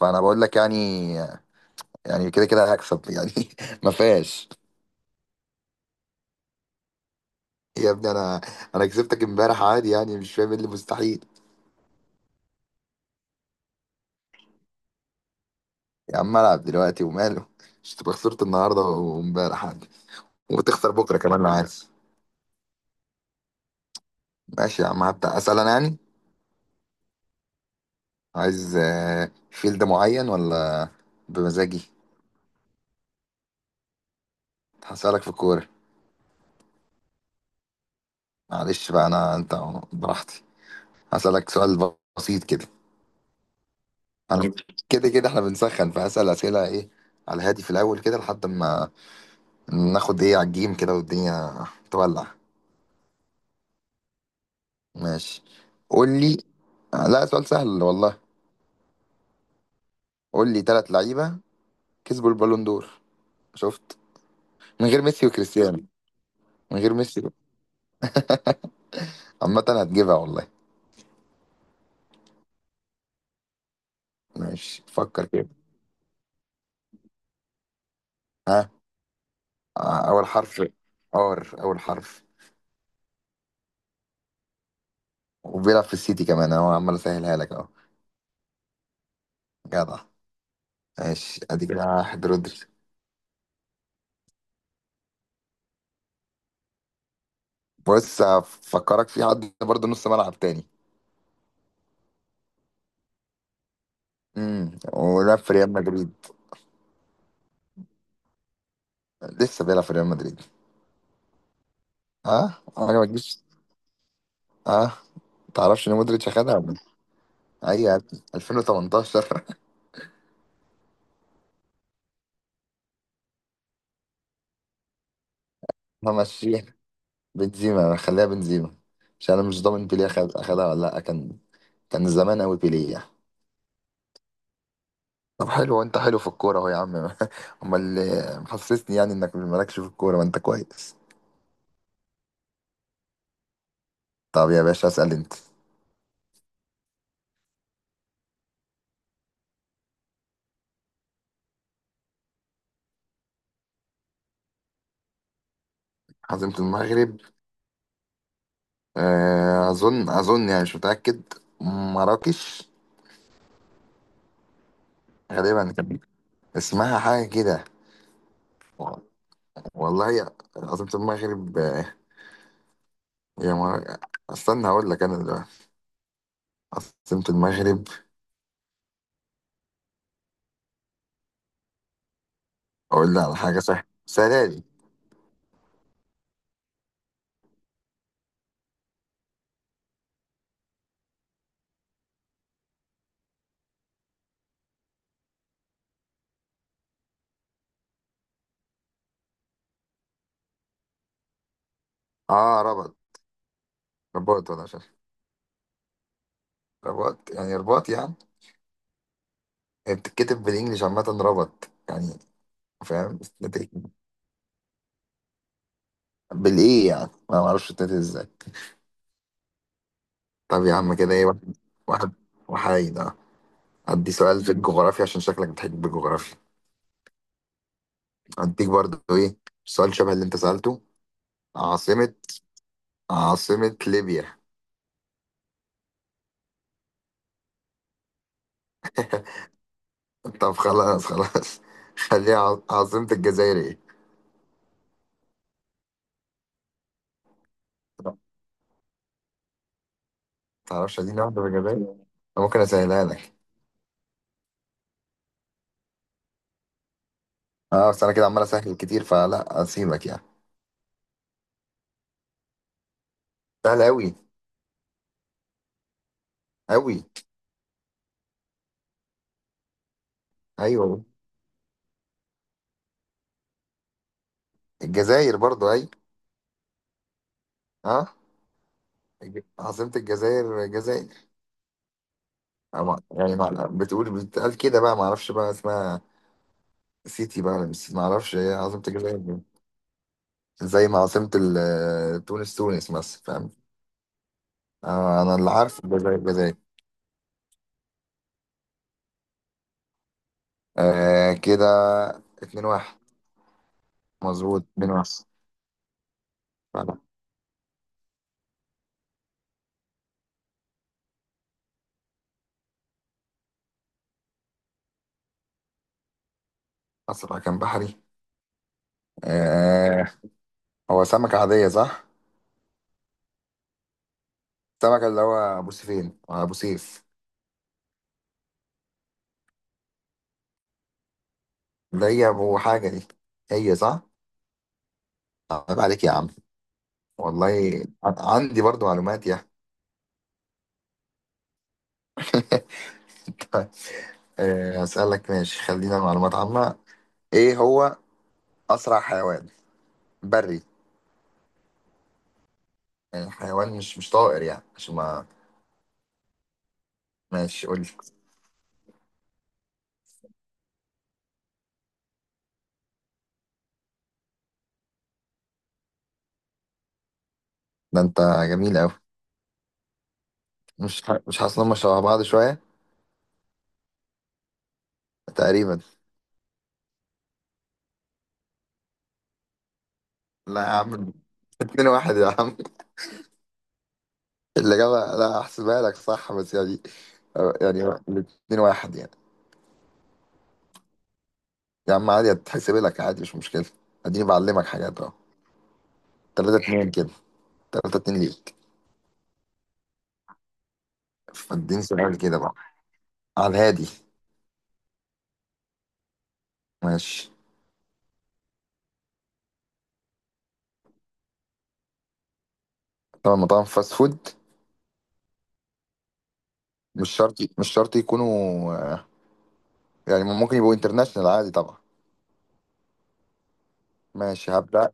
فانا بقول لك يعني كده كده هكسب يعني ما فيهاش. يا ابني انا كسبتك امبارح عادي، يعني مش فاهم ايه اللي مستحيل. يا عم العب دلوقتي وماله مش تبقى خسرت النهارده وامبارح عادي وتخسر بكره كمان لو عايز. ماشي يا عم، هبدأ اسال انا يعني. عايز فيلد معين ولا بمزاجي؟ هسألك في الكوره، معلش بقى، انا انت براحتي. هسألك سؤال بسيط كده. انا كده كده احنا بنسخن، فهسأل اسئله ايه على هادي في الاول كده لحد ما ناخد ايه على الجيم كده والدنيا تولع. ماشي، قول لي. لا سؤال سهل والله. قول لي ثلاث لعيبة كسبوا البالون دور. شفت؟ من غير ميسي وكريستيانو. من غير ميسي. عامة هتجيبها والله. ماشي فكر كده. ها. أول حرف. ار أول حرف. وبيلعب في السيتي كمان أهو، عمال أسهلها لك أهو. جدع. ماشي أدي كده واحد، رودري. بص هفكرك في حد برضه نص ملعب تاني. ولعب في ريال مدريد. لسه بيلعب في ريال مدريد. اه انا ما تجيش. اه، تعرفش ان مودريتش اخدها ولا؟ إيه؟ اي يا ابني 2018. همشيها. بنزيما، خليها بنزيما، عشان انا مش ضامن بيليه اخدها ولا لا. كان كان زمان قوي بيليه يعني. طب حلو، وانت حلو في الكوره اهو يا عم امال اللي محسسني يعني انك مالكش في الكوره؟ ما انت كويس. طب يا باشا اسال انت. عاصمة المغرب. اظن اظن يعني مش متاكد. مراكش. غالبا كان اسمها حاجه كده. والله عاصمة المغرب، يا ما استنى هقول لك انا دلوقتي. عاصمة المغرب. اقول لي على حاجة سهلة سلالي. اه، ربط. رباط ولا شاش. رباط يعني، رباط يعني. هي بتتكتب بالانجلش عامة، ربط يعني، فاهم، بتتنطق. بالايه يعني، انا ما اعرفش بتتنطق ازاي. طب يا عم كده ايه، واحد. واحد وحيد اه. ادي سؤال في الجغرافيا، عشان شكلك بتحب الجغرافيا. اديك برضه ايه، سؤال شبه اللي انت سألته. عاصمة، عاصمة ليبيا. طب خلاص خلاص خليها عاصمة الجزائر ايه. تعرفش؟ اديني واحدة بجبان. أنا ممكن اسهلها لك. اه بس انا كده عمال اسهل كتير، فلا اسيبك يعني. سهل اوي. اوي. ايوه، الجزائر برضو اي. اه، عاصمة الجزائر الجزائر. بتقول بتقال كده بقى. ما اعرفش بقى اسمها سيتي بقى ولا مش سيتي، ما اعرفش ايه عاصمة الجزائر دي. زي ما عاصمة تونس تونس مثلا، فاهم. آه، انا اللي عارف الجزائر الجزائر. آه كده. اتنين واحد. مظبوط اتنين واحد. فلا. اسرع كان بحري. آه. هو سمكة عادية صح؟ السمكة اللي هو أبو سيفين، أبو سيف. اللي هي أبو حاجة دي. هي صح؟ عيب عليك يا عم. والله. عندي برضو معلومات يا طيب، أسألك ماشي، خلينا معلومات عامة. إيه هو أسرع حيوان بري؟ يعني حيوان مش طائر يعني عشان ما. ماشي قول لي. ده أنت جميل أوي. مش حاسس إن هم شبه بعض شوية؟ تقريبا. لا يا عم، اتنين واحد يا عم. الإجابة لا أحسبها لك صح بس يعني. يعني الاتنين واحد يعني. يا عم عادي، هتحسب لك عادي مش مشكلة. اديني بعلمك حاجات اهو. تلاتة اتنين كده. تلاتة اتنين ليك. فاديني سؤال كده بقى على الهادي. ماشي. طبعا مطاعم فاست فود. مش شرط مش شرط يكونوا، يعني ممكن يبقوا انترناشونال عادي طبعا. ماشي هبدأ.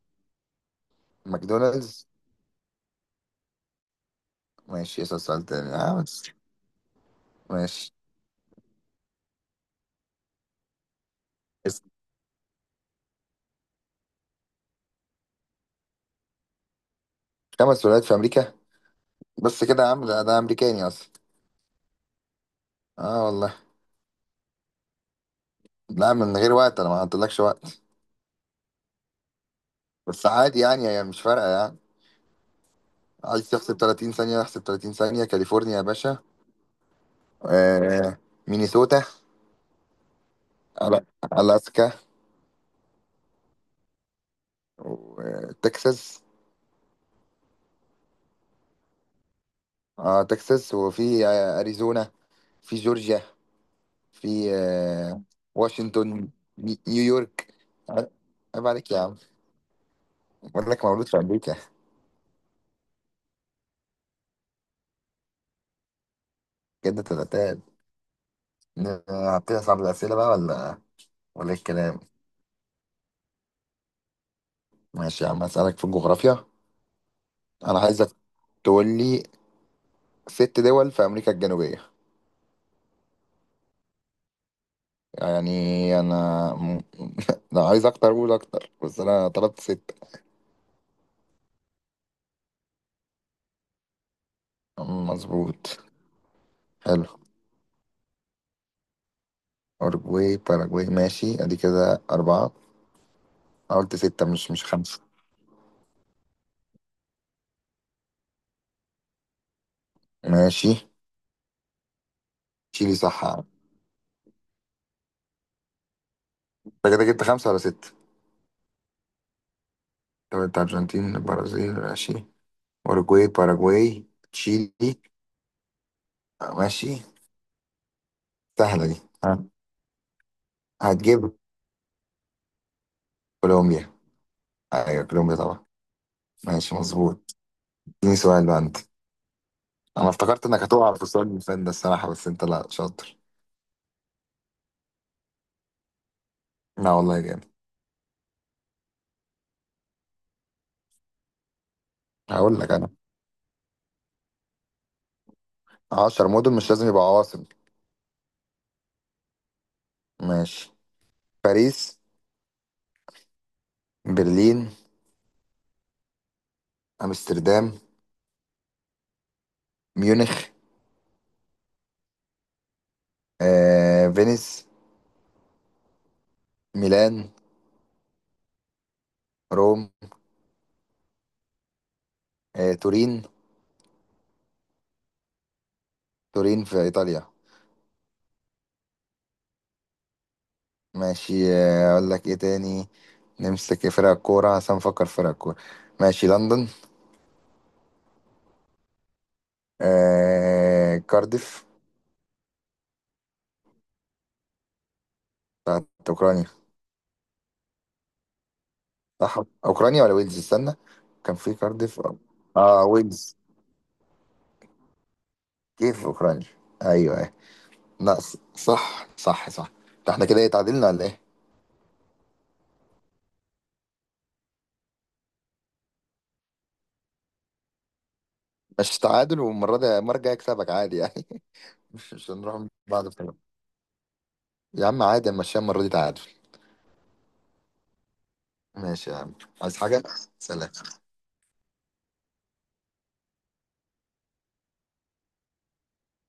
ماكدونالدز. ماشي اسأل سؤال تاني بس. ماشي. اسأل. خمس ولايات في أمريكا. بس كده يا عم، ده ده أمريكاني أصلا. اه والله. لا من غير وقت، انا ما حطيتلكش وقت. بس عادي يعني، هي مش فارقة يعني. عايز تحسب 30 ثانية احسب 30 ثانية. كاليفورنيا يا باشا. آه. مينيسوتا. ألا- ألاسكا. وتكساس. اه تكساس، وفي أريزونا. في جورجيا. في آه، واشنطن. نيويورك. عيب. عيب عليك يا عم. بقول لك مولود في أمريكا. كده تلاتات. هبتدي أصعب الأسئلة بقى ولا ولا إيه الكلام؟ ماشي يا عم هسألك في الجغرافيا. أنا عايزك تقول لي ست دول في أمريكا الجنوبية. يعني انا م-. لو عايز اكتر اقول اكتر، بس انا طلبت ستة. مظبوط. حلو. اورجواي باراجواي. ماشي ادي كده اربعة. أنا قلت ستة مش خمسة. ماشي. شيلي صح انت. كده جبت خمسة ولا ستة؟ طب انت قلت ارجنتين، البرازيل ماشي، اورجواي باراجواي، تشيلي. ماشي. سهلة دي ها. هتجيب. كولومبيا. ايوه كولومبيا طبعا. ماشي مظبوط. اديني سؤال بقى انت. انا افتكرت انك هتقع في السؤال اللي فات ده الصراحة، بس انت لا شاطر. لا والله جامد. هقول لك انا، 10 مدن مش لازم يبقى عواصم. ماشي. باريس. برلين. امستردام. ميونخ. فينيس. ميلان. روم. تورين. تورين في ايطاليا. ماشي، اقول لك ايه تاني. نمسك فرق كورة عشان نفكر في فرق كورة. ماشي. لندن. كارديف. بتاعت اوكرانيا. صح. اوكرانيا ولا ويلز، استنى. كان في كارديف. اه ويلز. كيف اوكرانيا. ايوه. لا صح صح صح. ده احنا كده ايه، تعادلنا ولا ايه؟ مش تعادل، والمرة دي المرة الجاية اكسبك عادي يعني. مش هنروح بعد بطريقة. يا عم عادي، ماشي المرة دي تعادل. ماشي يا عم. عايز حاجة؟ سلام